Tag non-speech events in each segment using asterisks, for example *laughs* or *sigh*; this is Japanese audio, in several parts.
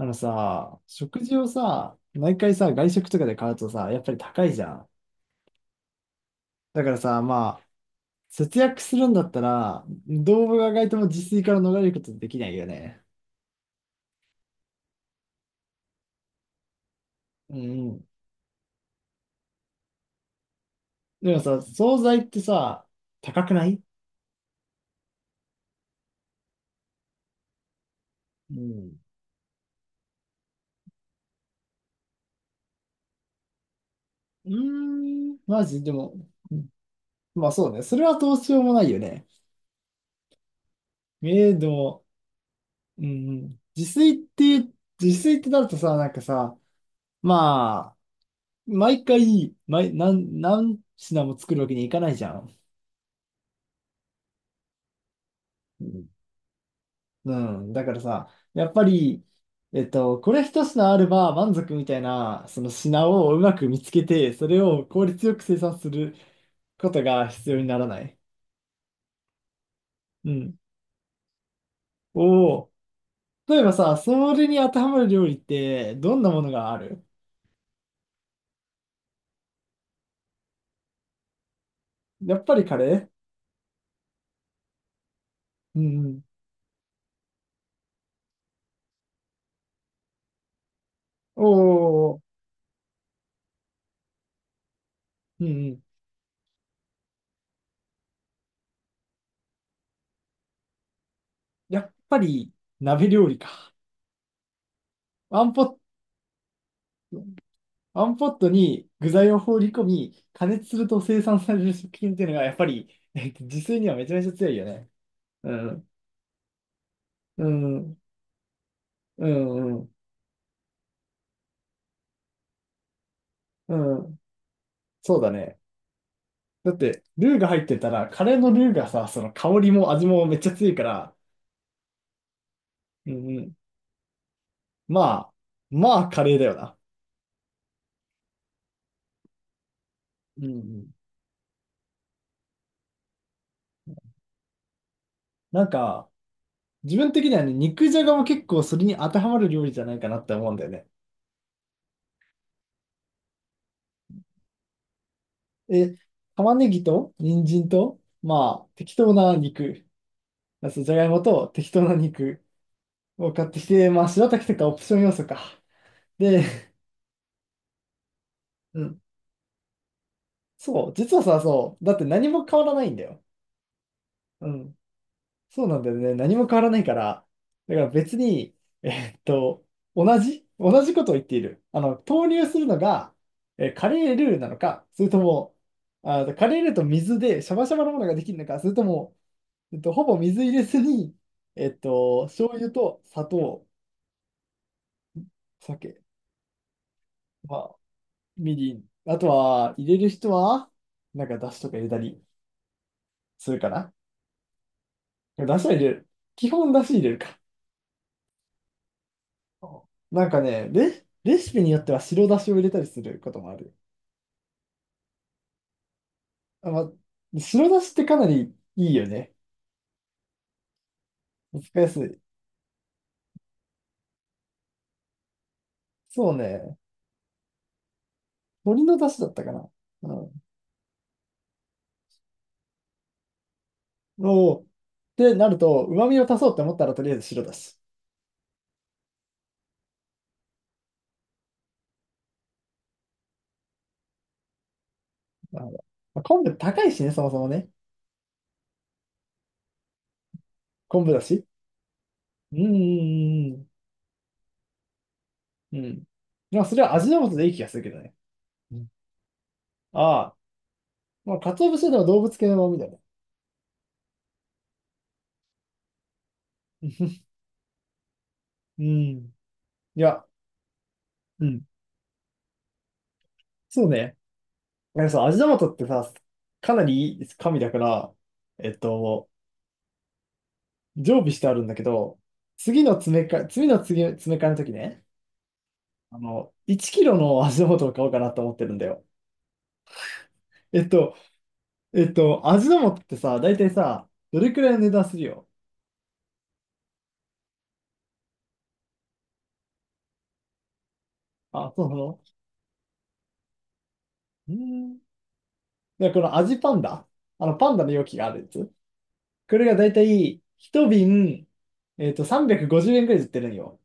あのさ、食事をさ、毎回さ、外食とかで買うとさ、やっぱり高いじゃん。だからさ、まあ、節約するんだったら、動物が外とも自炊から逃れることできないよね。うんうん。でもさ、惣菜ってさ、高くない？うん。うーん、マジでも、まあそうね。それはどうしようもないよね。ええ、でも、うんうん。て、自炊ってなるとさ、なんかさ、まあ、毎回、何品も作るわけにいかないじゃん。うん、うん。だからさ、やっぱり、これ一品あれば満足みたいな、その品をうまく見つけて、それを効率よく生産することが必要にならない。うん。おお、例えばさ、それに当てはまる料理って、どんなものがある？やっぱりカレー？うんうん。おお、うんうん。やっぱり鍋料理か。ワンポット、ワンポットに具材を放り込み、加熱すると生産される食品っていうのが、やっぱり、*laughs* 自炊にはめちゃめちゃ強いよね。うん。うん。うん。うん。うん、そうだね。だって、ルーが入ってたら、カレーのルーがさ、その香りも味もめっちゃ強いから、うんうん。まあ、まあ、カレーだよな。うんうん。なんか、自分的にはね、肉じゃがも結構それに当てはまる料理じゃないかなって思うんだよね。え、玉ねぎと、人参と、まあ、適当な肉。まずじゃがいもと適当な肉を買ってきて、まあ、白滝とかオプション要素か。で、うん。そう、実はさ、そう、だって何も変わらないんだよ。うん。そうなんだよね。何も変わらないから。だから別に、えーっと、同じことを言っている。投入するのが、カレールーなのか、それとも、カレールーと水でシャバシャバのものができるのか、それとも、ほぼ水入れずに、醤油と砂糖、酒。まあみりん。あとは、入れる人は、なんか、だしとか入れたりするかな。だしは入れる。基本だし入れるか。なんかね、レシピによっては白だしを入れたりすることもある。あ、ま、白だしってかなりいいよね。使いやすい。そうね。鶏のだしだったかな。うん。おーってなると、旨味を足そうって思ったら、とりあえず白だし。なるほど。まあ、昆布高いしね、そもそもね。昆布だし。うんうんうんうん。うん。まあ、それは味の素でいい気がするけどね。ああ、まあ、鰹節では動物系のみたいな。*laughs* うん。いや、うん。そうね。なんかさ、味玉とってさ、かなりいい神だから、えっと、常備してあるんだけど、次の詰め替え、次の次、詰め替えの時ね、1キロの味の素を買おうかなと思ってるんだよ。えっと、味玉ってさ、大体さ、どれくらいの値段するよ。あ、そうなの？うーん。で、この味パンダ、パンダの容器があるやつ。これがだいたい一瓶、350円くごじゅうえんくらいで売ってるんよ。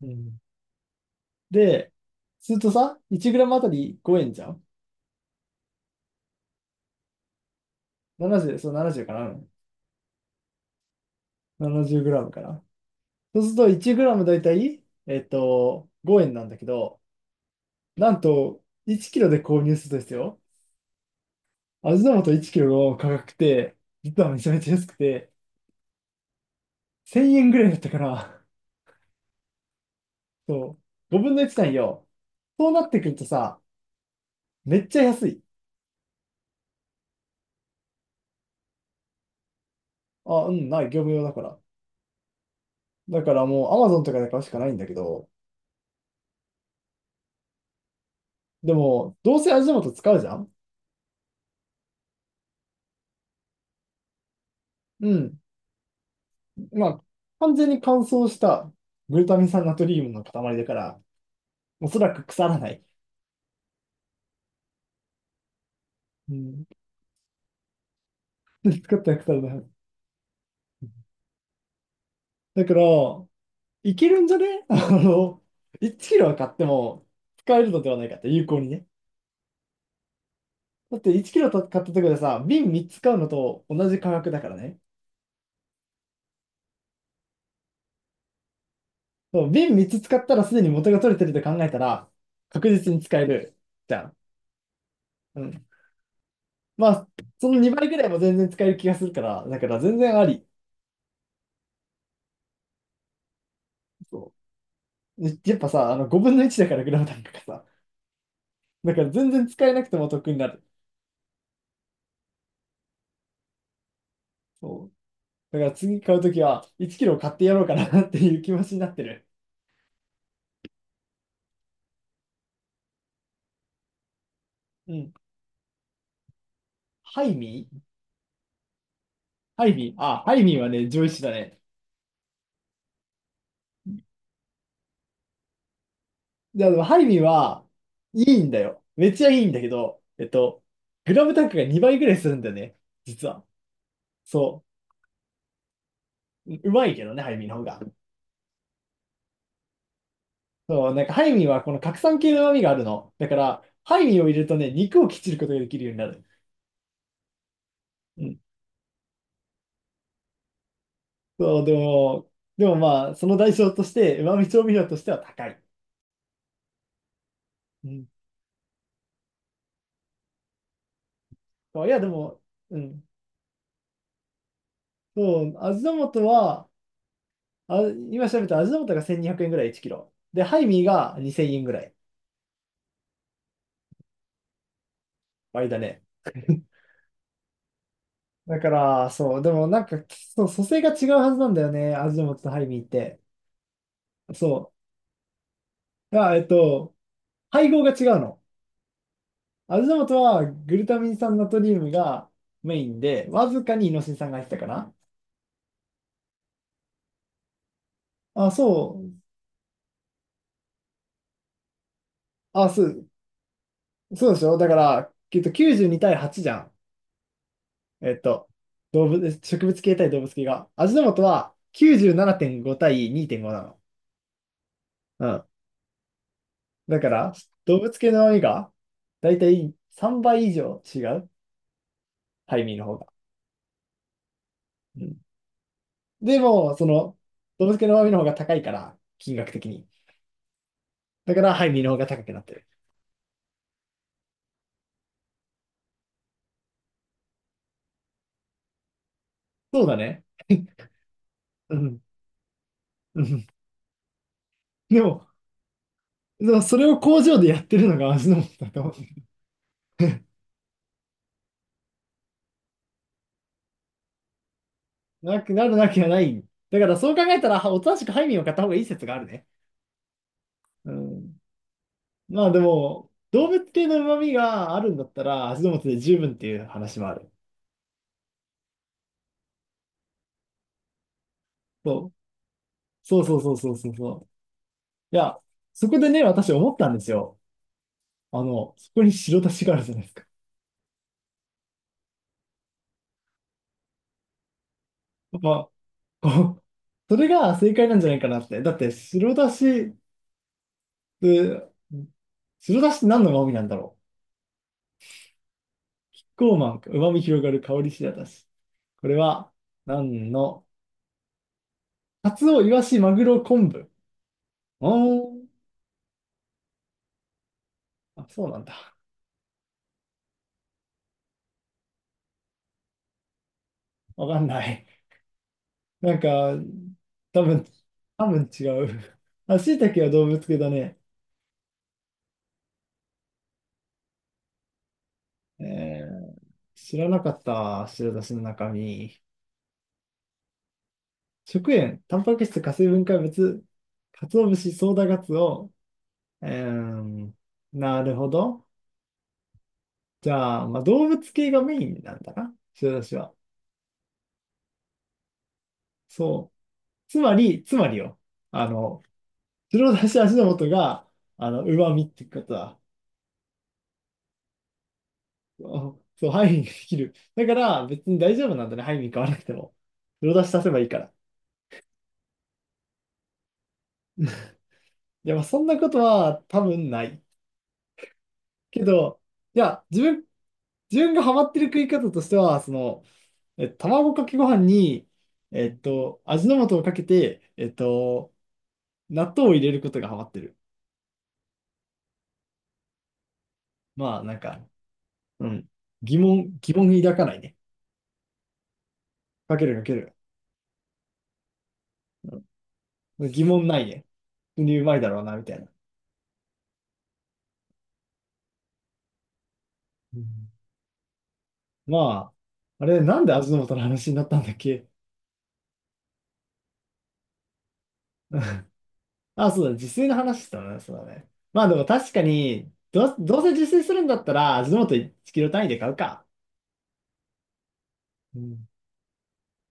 うん。で、するとさ、1g あたり5円じゃん？ 70、そう70かな。うん。70gかな。そうすると 1g だいたい、5円なんだけど、なんと、1キロで購入するとですよ、味の素1キロの価格って、実はめちゃめちゃ安くて、1000円ぐらいだったから、そう、5分の1なんよ。そうなってくるとさ、めっちゃ安い。あ、うん、ない、業務用だから。だからもう Amazon とかで買うしかないんだけど、でも、どうせ味の素使うじゃん？うん。まあ、完全に乾燥したグルタミン酸ナトリウムの塊だから、おそらく腐らない。うん。*laughs* 作ったら腐らない。だから、いけるんじゃね？ *laughs* 1キロは買っても使えるのではないかって、有効にね。だって1キロ買ったところでさ、瓶3つ買うのと同じ価格だからね。そう、瓶3つ使ったらすでに元が取れてると考えたら、確実に使えるじゃん。うん。まあ、その2倍ぐらいも全然使える気がするから、だから全然あり。そう。ね、やっぱさ、あの5分の1だからグラム単価がさ。だから全然使えなくても得になる。そう。だから次買うときは1キロ買ってやろうかなっていう気持ちになってる。うん。ハイミー。ハイミー、あ、ハイミーはね、上位種だね。いや、でもハイミーはいいんだよ。めっちゃいいんだけど、グラム単価が2倍ぐらいするんだよね。実は。そう。うまいけどね、ハイミーの方が。そう、なんかハイミーはこの核酸系の旨味があるの。だから、ハイミーを入れるとね、肉をきっちることができるようになる。うん。そう、でもまあ、その代償として、旨味調味料としては高い。うん。そういや、でも、うん。そう、味の素は、あ、今調べたら味の素が1200円ぐらい1キロ。で、ハイミーが2000円ぐらい。倍だね。*laughs* だから、そう、でもなんか、そう、組成が違うはずなんだよね、味の素とハイミーって。そう。あ、配合が違うの。味の素はグルタミン酸ナトリウムがメインで、わずかにイノシン酸が入ってたかな。あ、そう。あ、そう、そうでしょ？だから、きっと92対8じゃん。えっと、動物、植物系対動物系が。味の素は97.5対2.5なの。うん。だから、動物系の味が、だいたい3倍以上違う。ハイミーの方が。うん。でも、動物系の旨味の方が高いから、金額的に。だから、ハイミーの方が高くなってる。そうだね。うんうん。でも、でもそれを工場でやってるのが味の素だと思う。*laughs* なくなるわけはない。だからそう考えたら、はおとなしくハイミンを買った方がいい説があるね。うん。まあでも、動物系の旨味があるんだったら、味の素で十分っていう話もある。そう。そうそうそうそうそうそう。いや、そこでね、私思ったんですよ。そこに白だしがあるじゃないですか。やっぱ、こう、それが正解なんじゃないかなって。だって、て、白だしって何の旨味なんだろう。ゴーマン、旨味広がる香りしらたし。これは、何の、カツオ、イワシ、マグロ、昆布。おー。あ、そうなんだ。わかんない。なんか、多分、多分違う。あ、椎茸は動物系だね。えー、知らなかった。白だしの中身。食塩、タンパク質、化成分解物、鰹節、ソーダガツオ。えー、なるほど。じゃあ、まあ、動物系がメインなんだな。白だしは。そう。つまりよ、あの、白だし味の素が、旨味ってことは。あ、そう、ハイミングできる。だから、別に大丈夫なんだね、ハイミング買わなくても。白だし足せばいいから。いや、まあ、そんなことは多分ない。けど、いや、自分がハマってる食い方としては、卵かけご飯に、味の素をかけて、納豆を入れることがハマってる。まあ、なんか、うん、疑問抱かないね。かけるかける。疑問ないね。普通にうまいだろうな、みたいな。うん。まあ、あれ、なんで味の素の話になったんだっけ？ *laughs* あ、そうだ、自炊の話したね、そうだね。まあでも確かに、どうせ自炊するんだったら、味の素1キロ単位で買うか。うん